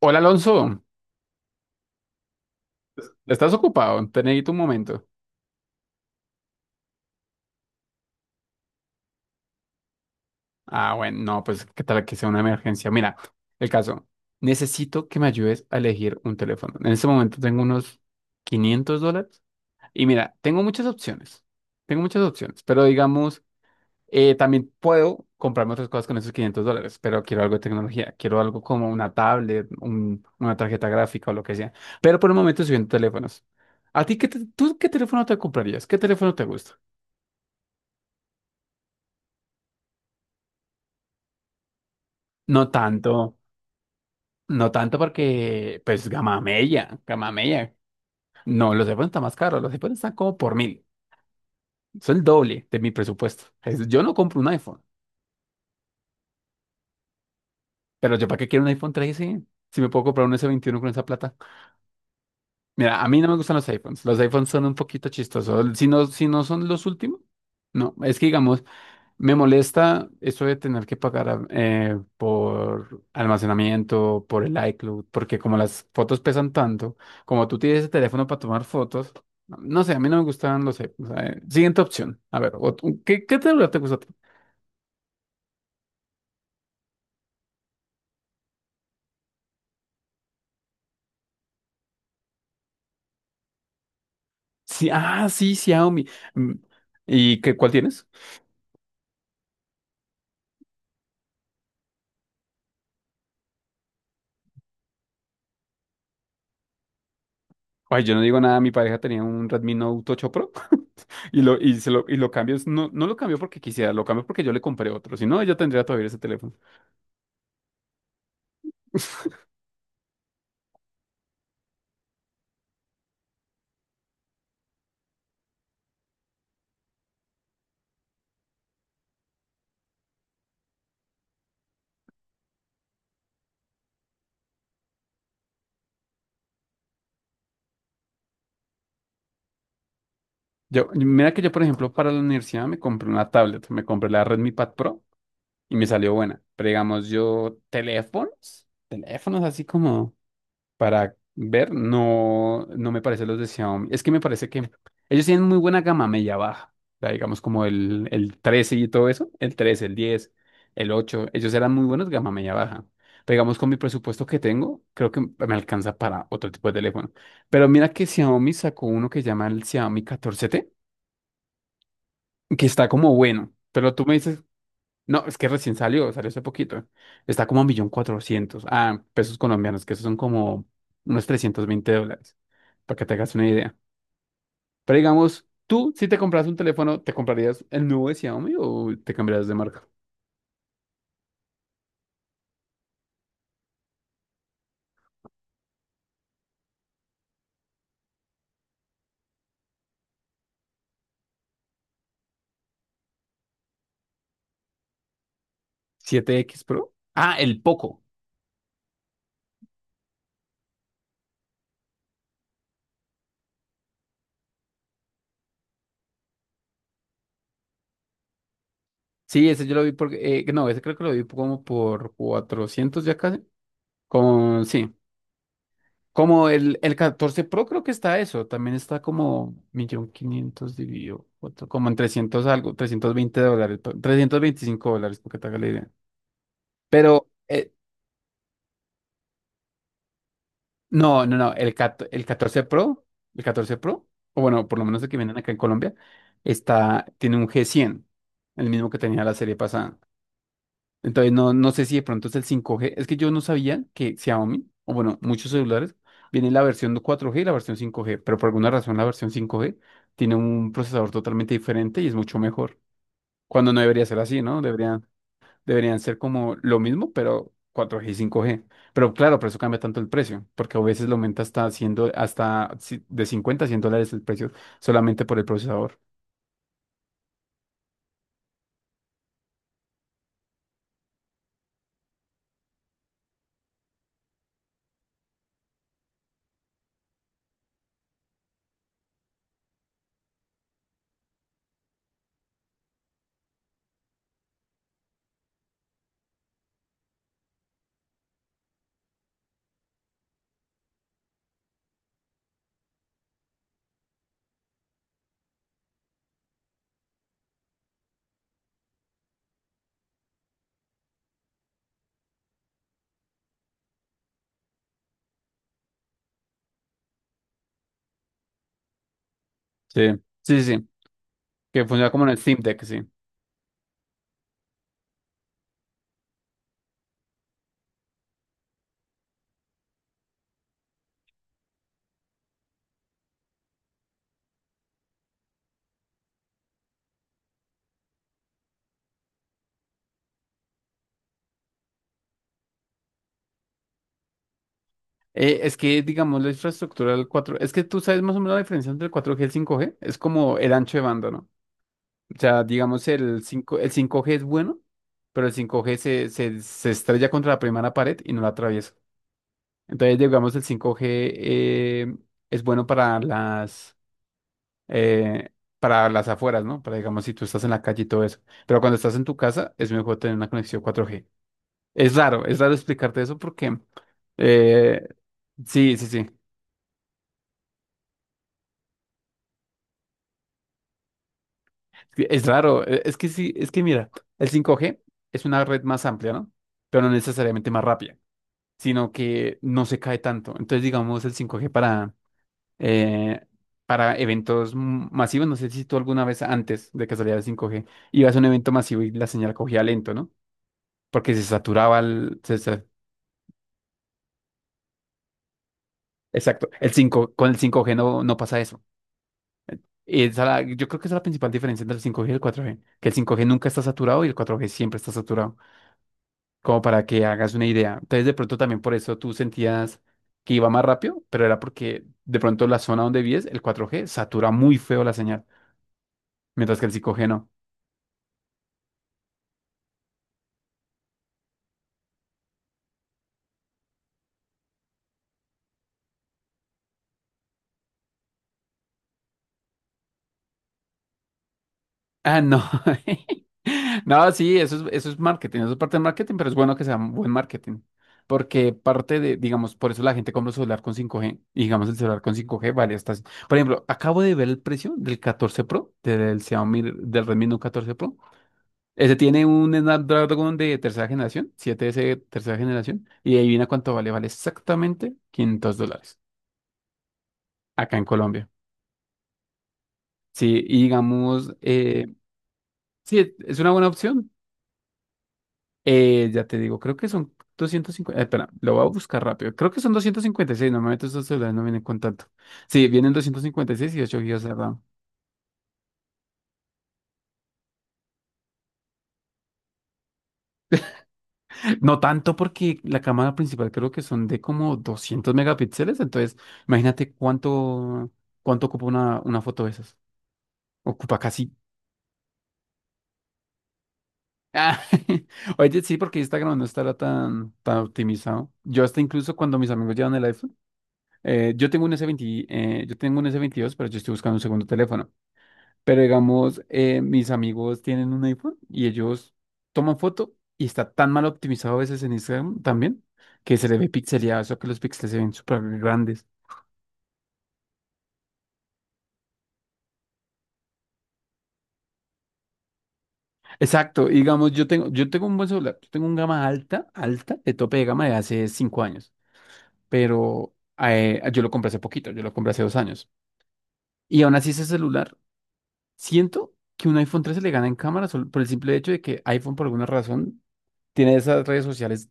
Hola Alonso, ¿estás ocupado? Te necesito un momento. Ah, bueno, no, pues qué tal que sea una emergencia. Mira, el caso, necesito que me ayudes a elegir un teléfono. En este momento tengo unos 500 dólares y mira, tengo muchas opciones. Tengo muchas opciones, pero digamos, también puedo comprarme otras cosas con esos 500 dólares, pero quiero algo de tecnología, quiero algo como una tablet, una tarjeta gráfica o lo que sea. Pero por el momento estoy viendo teléfonos. ¿A ti qué, tú qué teléfono te comprarías? ¿Qué teléfono te gusta? No tanto. No tanto porque, pues, Gamamella, Gamamella. No, los iPhones están más caros, los iPhones están como por mil. Son el doble de mi presupuesto. Yo no compro un iPhone, pero yo para qué quiero un iPhone trece si me puedo comprar un s veintiuno con esa plata. Mira, a mí no me gustan los iPhones. Los iPhones son un poquito chistosos. Si no, si no son los últimos, no. Es que digamos, me molesta eso de tener que pagar por almacenamiento, por el iCloud, porque como las fotos pesan tanto, como tú tienes el teléfono para tomar fotos, no sé, a mí no me gustan, no sé. O sea, siguiente opción. A ver, ¿qué, qué celular te gusta a ti? Sí, ah, sí, Xiaomi. Mm, ¿y qué, cuál tienes? Ay, yo no digo nada, mi pareja tenía un Redmi Note 8 Pro y lo, y lo cambió. No, no lo cambió porque quisiera, lo cambió porque yo le compré otro. Si no, ella tendría todavía ese teléfono. Yo, mira que yo, por ejemplo, para la universidad me compré una tablet, me compré la Redmi Pad Pro y me salió buena. Pero digamos, yo teléfonos, teléfonos así como para ver, no, no me parece los de Xiaomi. Es que me parece que ellos tienen muy buena gama media baja. O sea, digamos como el 13 y todo eso, el trece, el diez, el ocho, ellos eran muy buenos gama media baja. Pero digamos, con mi presupuesto que tengo, creo que me alcanza para otro tipo de teléfono. Pero mira que Xiaomi sacó uno que llama el Xiaomi catorce t, que está como bueno, pero tú me dices, no, es que recién salió, salió hace poquito, está como a un millón cuatrocientos, ah, pesos colombianos, que esos son como unos 320 dólares, para que te hagas una idea. Pero digamos, tú, si te compras un teléfono, ¿te comprarías el nuevo de Xiaomi o te cambiarías de marca? ¿7X Pro? Ah, el Poco. Sí, ese yo lo vi porque, no, ese creo que lo vi como por 400 ya casi, con, sí. Como el 14 Pro creo que está eso, también está como 1.500.000 dividido cuatro, como en 300 algo, 320 dólares, 325 dólares, porque te haga la idea. Pero, no, no, no, el 14 Pro, o bueno, por lo menos el que vienen acá en Colombia, está, tiene un g cien, el mismo que tenía la serie pasada. Entonces, no, no sé si de pronto es el 5G. Es que yo no sabía que Xiaomi, o bueno, muchos celulares, viene la versión 4G y la versión 5G, pero por alguna razón la versión 5G tiene un procesador totalmente diferente y es mucho mejor. Cuando no debería ser así, ¿no? Deberían, deberían ser como lo mismo, pero 4G y 5G. Pero claro, por eso cambia tanto el precio, porque a veces lo aumenta hasta, hasta de $50 a $100 el precio solamente por el procesador. Sí, sí, sí, sí, que funciona como en el Steam Deck, sí. Es que, digamos, la infraestructura del cuatro, es que tú sabes más o menos la diferencia entre el cuatro g y el cinco g es como el ancho de banda, ¿no? O sea, digamos, el cinco g es bueno, pero el 5 g se estrella contra la primera pared y no la atraviesa. Entonces, digamos, el cinco g eh, es bueno eh, para las afueras, ¿no? Para, digamos, si tú estás en la calle y todo eso. Pero cuando estás en tu casa, es mejor tener una conexión cuatro g. Es raro explicarte eso porque... eh, sí, sí, sí. que Es raro, es que sí, es que mira, el 5G es una red más amplia, ¿no? Pero no necesariamente más rápida, sino que no se cae tanto. Entonces, digamos, el 5G eh, para eventos masivos, no sé si tú alguna vez antes de que saliera el 5G ibas a un evento masivo y la señal cogía lento, ¿no? Porque se saturaba el... exacto, el 5, con el 5G no, no pasa eso. Esa yo creo que esa es la principal diferencia entre el 5G y el 4G, que el 5G nunca está saturado y el 4G siempre está saturado, como para que hagas una idea. Entonces, de pronto también por eso tú sentías que iba más rápido, pero era porque de pronto la zona donde vives, el 4G satura muy feo la señal, mientras que el 5G no. Ah, no. No, sí, eso es marketing, eso es parte de marketing, pero es bueno que sea un buen marketing. Porque parte de, digamos, por eso la gente compra un celular con 5G, y digamos el celular con 5G vale hasta... Por ejemplo, acabo de ver el precio del 14 Pro, del Xiaomi, del Redmi Note 14 Pro. Ese tiene un Snapdragon de tercera generación, 7S de tercera generación, y adivina cuánto vale, vale exactamente 500 dólares acá en Colombia. Sí, y digamos, sí, es una buena opción. Ya te digo, creo que son 250, espera, lo voy a buscar rápido. Creo que son 256. Normalmente estos celulares no vienen con tanto. Sí, vienen doscientos cincuenta y seis y ocho gigas de RAM. No tanto porque la cámara principal creo que son de como 200 megapíxeles, entonces imagínate cuánto, cuánto ocupa una foto de esas. Ocupa casi. Ah, oye, sí, porque Instagram no estará tan, tan optimizado. Yo hasta incluso cuando mis amigos llevan el iPhone, yo tengo un S20, yo tengo un s veintidós, pero yo estoy buscando un segundo teléfono. Pero digamos, mis amigos tienen un iPhone y ellos toman foto y está tan mal optimizado a veces en Instagram también, que se le ve pixeleado, eso que los píxeles se ven súper grandes. Exacto, y digamos, yo tengo un buen celular, yo tengo un gama alta, alta, de tope de gama de hace cinco años. Pero yo lo compré hace poquito, yo lo compré hace dos años. Y aún así ese celular, siento que un iPhone trece le gana en cámara solo por el simple hecho de que iPhone por alguna razón tiene esas redes sociales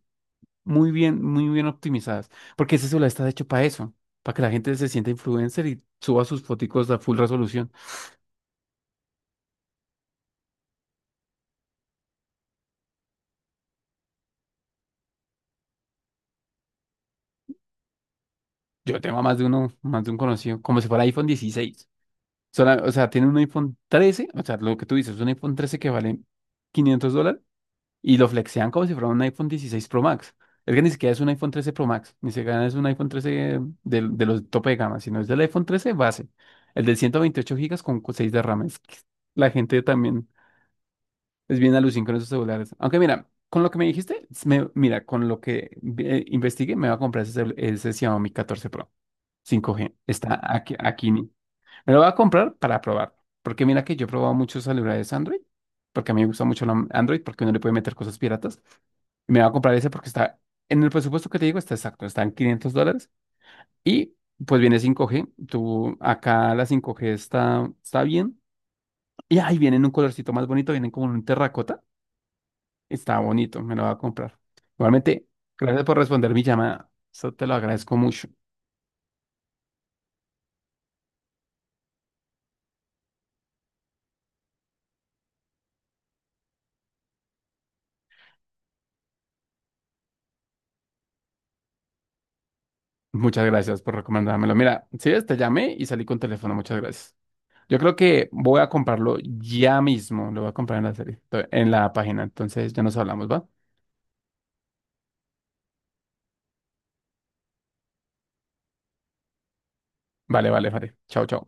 muy bien optimizadas, porque ese celular está hecho para eso, para que la gente se sienta influencer y suba sus foticos a full resolución. Yo tengo a más de uno, más de un conocido, como si fuera iPhone dieciséis. O sea, tiene un iPhone trece, o sea, lo que tú dices, un iPhone trece que vale 500 dólares y lo flexean como si fuera un iPhone 16 Pro Max. Es que ni siquiera es un iPhone 13 Pro Max, ni siquiera es un iPhone 13 los tope de gama, sino es del iPhone 13 base, el del 128 gigas con 6 de RAM. Es que la gente también es bien alucin con esos celulares. Aunque mira, con lo que me dijiste, mira, con lo que investigué, me va a comprar ese, ese Xiaomi 14 Pro 5G. Está aquí, aquí. Me lo voy a comprar para probar. Porque mira que yo he probado muchos celulares Android. Porque a mí me gusta mucho la Android porque uno le puede meter cosas piratas. Y me voy a comprar ese porque está en el presupuesto que te digo, está exacto. Está en 500 dólares. Y pues viene cinco g. Tú, acá la cinco g está, está bien. Y ahí viene en un colorcito más bonito. Vienen como en un terracota. Está bonito. Me lo voy a comprar. Igualmente, gracias por responder mi llamada. Eso te lo agradezco mucho. Muchas gracias por recomendármelo. Mira, si ves, te llamé y salí con teléfono. Muchas gracias. Yo creo que voy a comprarlo ya mismo. Lo voy a comprar en la serie, en la página. Entonces ya nos hablamos, ¿va? Vale, vale, vale. Chao, chao.